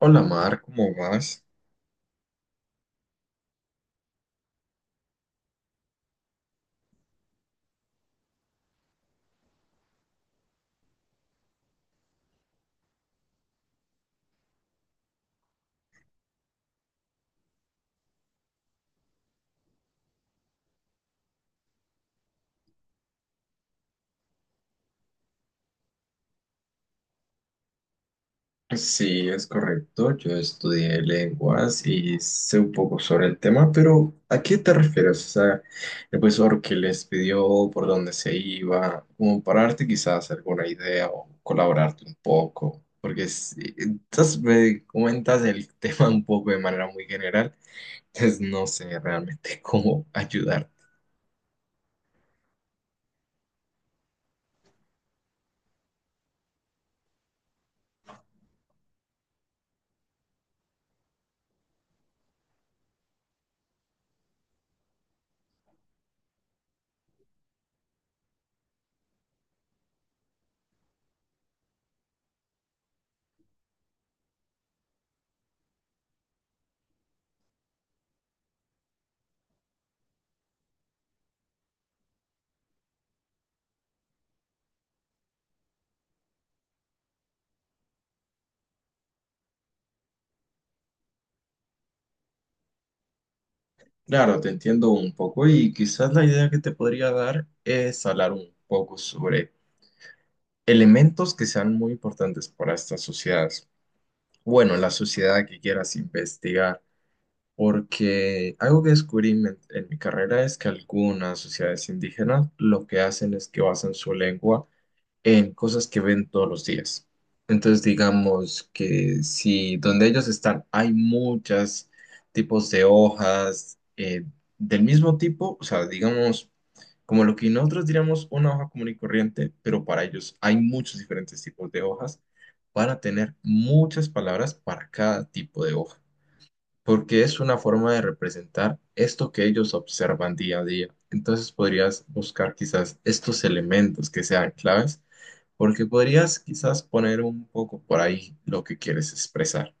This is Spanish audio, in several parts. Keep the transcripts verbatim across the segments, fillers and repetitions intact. Hola Mar, ¿cómo vas? Pues sí, es correcto. Yo estudié lenguas y sé un poco sobre el tema, pero ¿a qué te refieres? O sea, el profesor que les pidió por dónde se iba, como para darte quizás alguna idea o colaborarte un poco, porque sí, entonces me comentas el tema un poco de manera muy general, entonces no sé realmente cómo ayudarte. Claro, te entiendo un poco y quizás la idea que te podría dar es hablar un poco sobre elementos que sean muy importantes para estas sociedades. Bueno, la sociedad que quieras investigar, porque algo que descubrí en, en mi carrera es que algunas sociedades indígenas lo que hacen es que basan su lengua en cosas que ven todos los días. Entonces, digamos que si donde ellos están hay muchos tipos de hojas eh, del mismo tipo, o sea, digamos, como lo que nosotros diríamos una hoja común y corriente, pero para ellos hay muchos diferentes tipos de hojas, para tener muchas palabras para cada tipo de hoja porque es una forma de representar esto que ellos observan día a día. Entonces podrías buscar quizás estos elementos que sean claves, porque podrías quizás poner un poco por ahí lo que quieres expresar.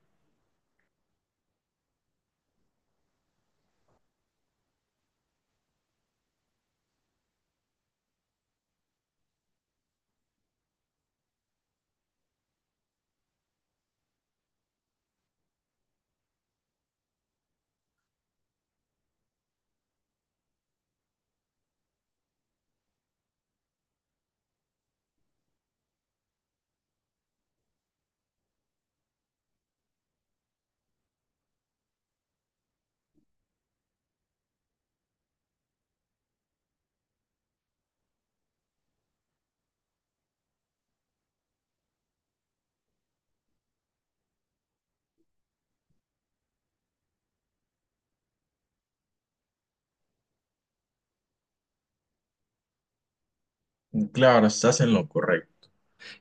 Claro, estás en lo correcto.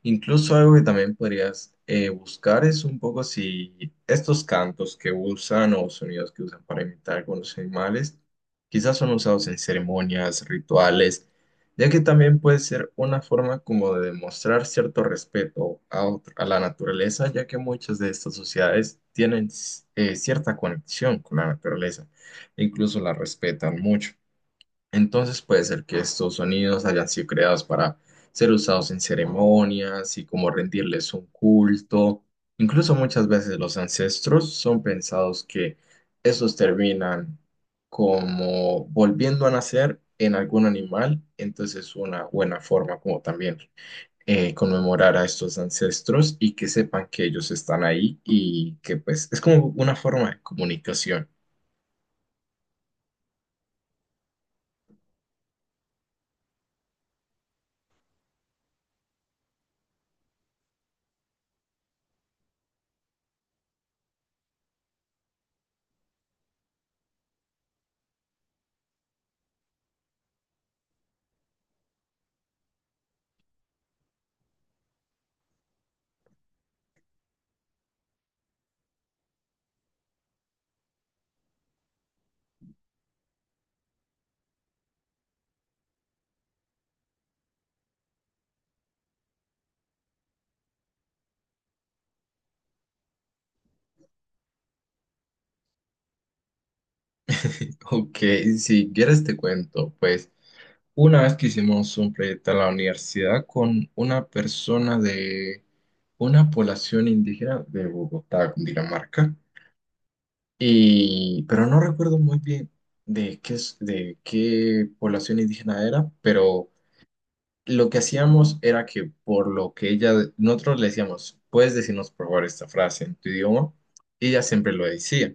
Incluso algo que también podrías eh, buscar es un poco si estos cantos que usan o sonidos que usan para imitar algunos animales, quizás son usados en ceremonias, rituales, ya que también puede ser una forma como de demostrar cierto respeto a, otro- a la naturaleza, ya que muchas de estas sociedades tienen eh, cierta conexión con la naturaleza, incluso la respetan mucho. Entonces puede ser que estos sonidos hayan sido creados para ser usados en ceremonias y como rendirles un culto. Incluso muchas veces los ancestros son pensados que estos terminan como volviendo a nacer en algún animal. Entonces es una buena forma como también eh, conmemorar a estos ancestros y que sepan que ellos están ahí y que pues es como una forma de comunicación. Ok, si quieres te cuento, pues. Una vez que hicimos un proyecto en la universidad con una persona de una población indígena de Bogotá, Cundinamarca, y, pero no recuerdo muy bien de qué, es- de qué población indígena era, pero lo que hacíamos era que por lo que ella, nosotros le decíamos, puedes decirnos por favor esta frase en tu idioma, y ella siempre lo decía.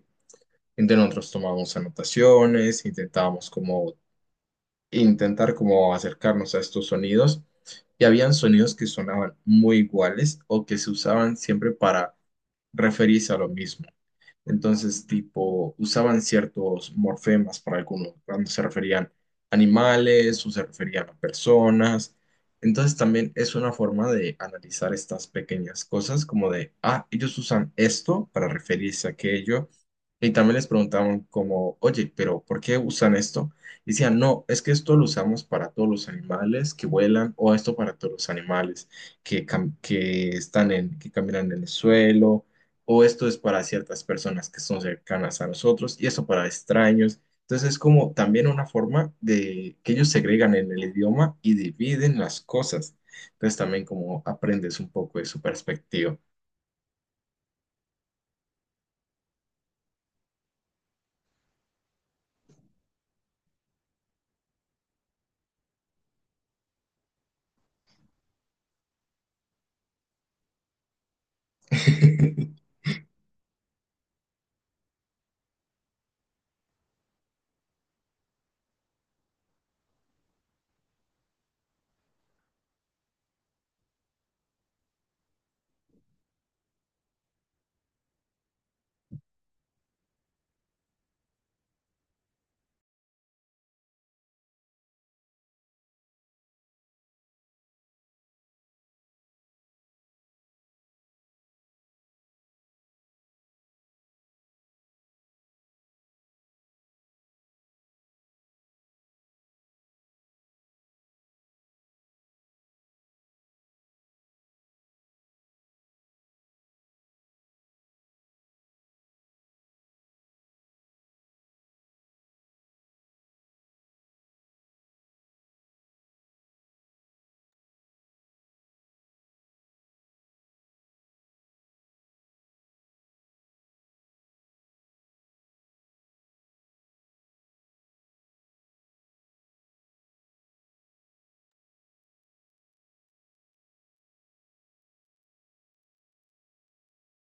Entonces nosotros tomábamos anotaciones, intentábamos como intentar como acercarnos a estos sonidos y habían sonidos que sonaban muy iguales o que se usaban siempre para referirse a lo mismo. Entonces, tipo, usaban ciertos morfemas para algunos, cuando se referían a animales o se referían a personas. Entonces, también es una forma de analizar estas pequeñas cosas, como de, ah, ellos usan esto para referirse a aquello y también les preguntaban como, oye, pero ¿por qué usan esto? Y decían, no, es que esto lo usamos para todos los animales que vuelan o esto para todos los animales que, cam- que están en, que caminan en el suelo o esto es para ciertas personas que son cercanas a nosotros y esto para extraños. Entonces es como también una forma de que ellos segregan en el idioma y dividen las cosas. Entonces también como aprendes un poco de su perspectiva.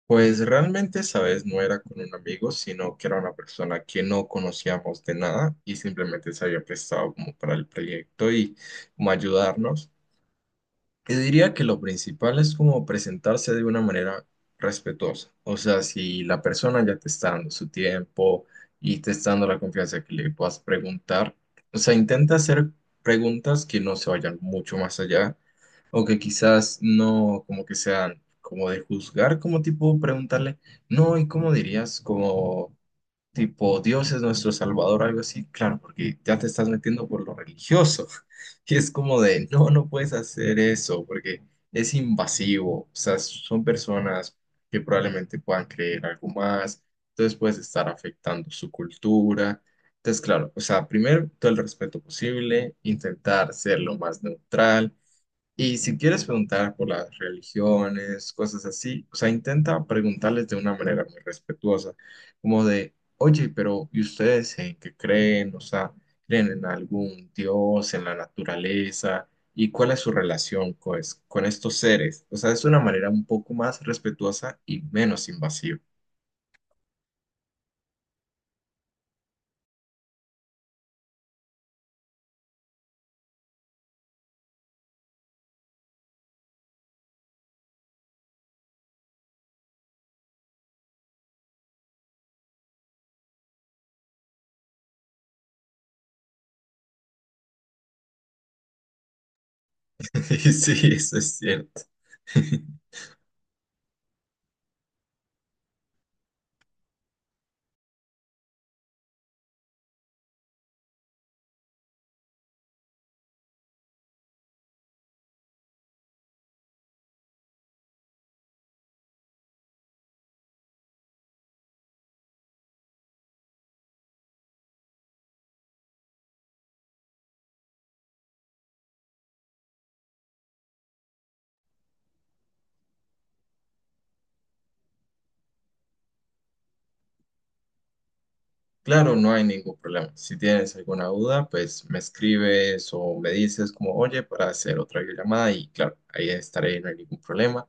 Pues realmente, esa vez no era con un amigo, sino que era una persona que no conocíamos de nada y simplemente se había prestado como para el proyecto y como ayudarnos. Y diría que lo principal es como presentarse de una manera respetuosa. O sea, si la persona ya te está dando su tiempo y te está dando la confianza que le puedas preguntar, o sea, intenta hacer preguntas que no se vayan mucho más allá o que quizás no como que sean como de juzgar, como tipo preguntarle, no, ¿y cómo dirías? Como tipo, Dios es nuestro Salvador, algo así, claro, porque ya te estás metiendo por lo religioso. Y es como de, no, no puedes hacer eso, porque es invasivo. O sea, son personas que probablemente puedan creer algo más, entonces puedes estar afectando su cultura. Entonces, claro, o sea, primero todo el respeto posible, intentar ser lo más neutral y si quieres preguntar por las religiones, cosas así, o sea, intenta preguntarles de una manera muy respetuosa, como de, oye, pero ¿y ustedes en qué creen? O sea, ¿creen en algún dios, en la naturaleza? ¿Y cuál es su relación co- es- con, estos seres? O sea, es una manera un poco más respetuosa y menos invasiva. Y sí, eso es cierto. Claro, no hay ningún problema. Si tienes alguna duda, pues me escribes o me dices como, oye, para hacer otra videollamada y claro, ahí estaré, no hay ningún problema.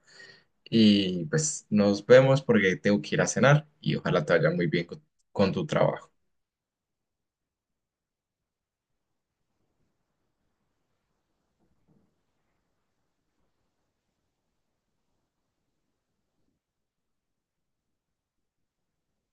Y pues nos vemos porque tengo que ir a cenar y ojalá te vaya muy bien con con tu trabajo.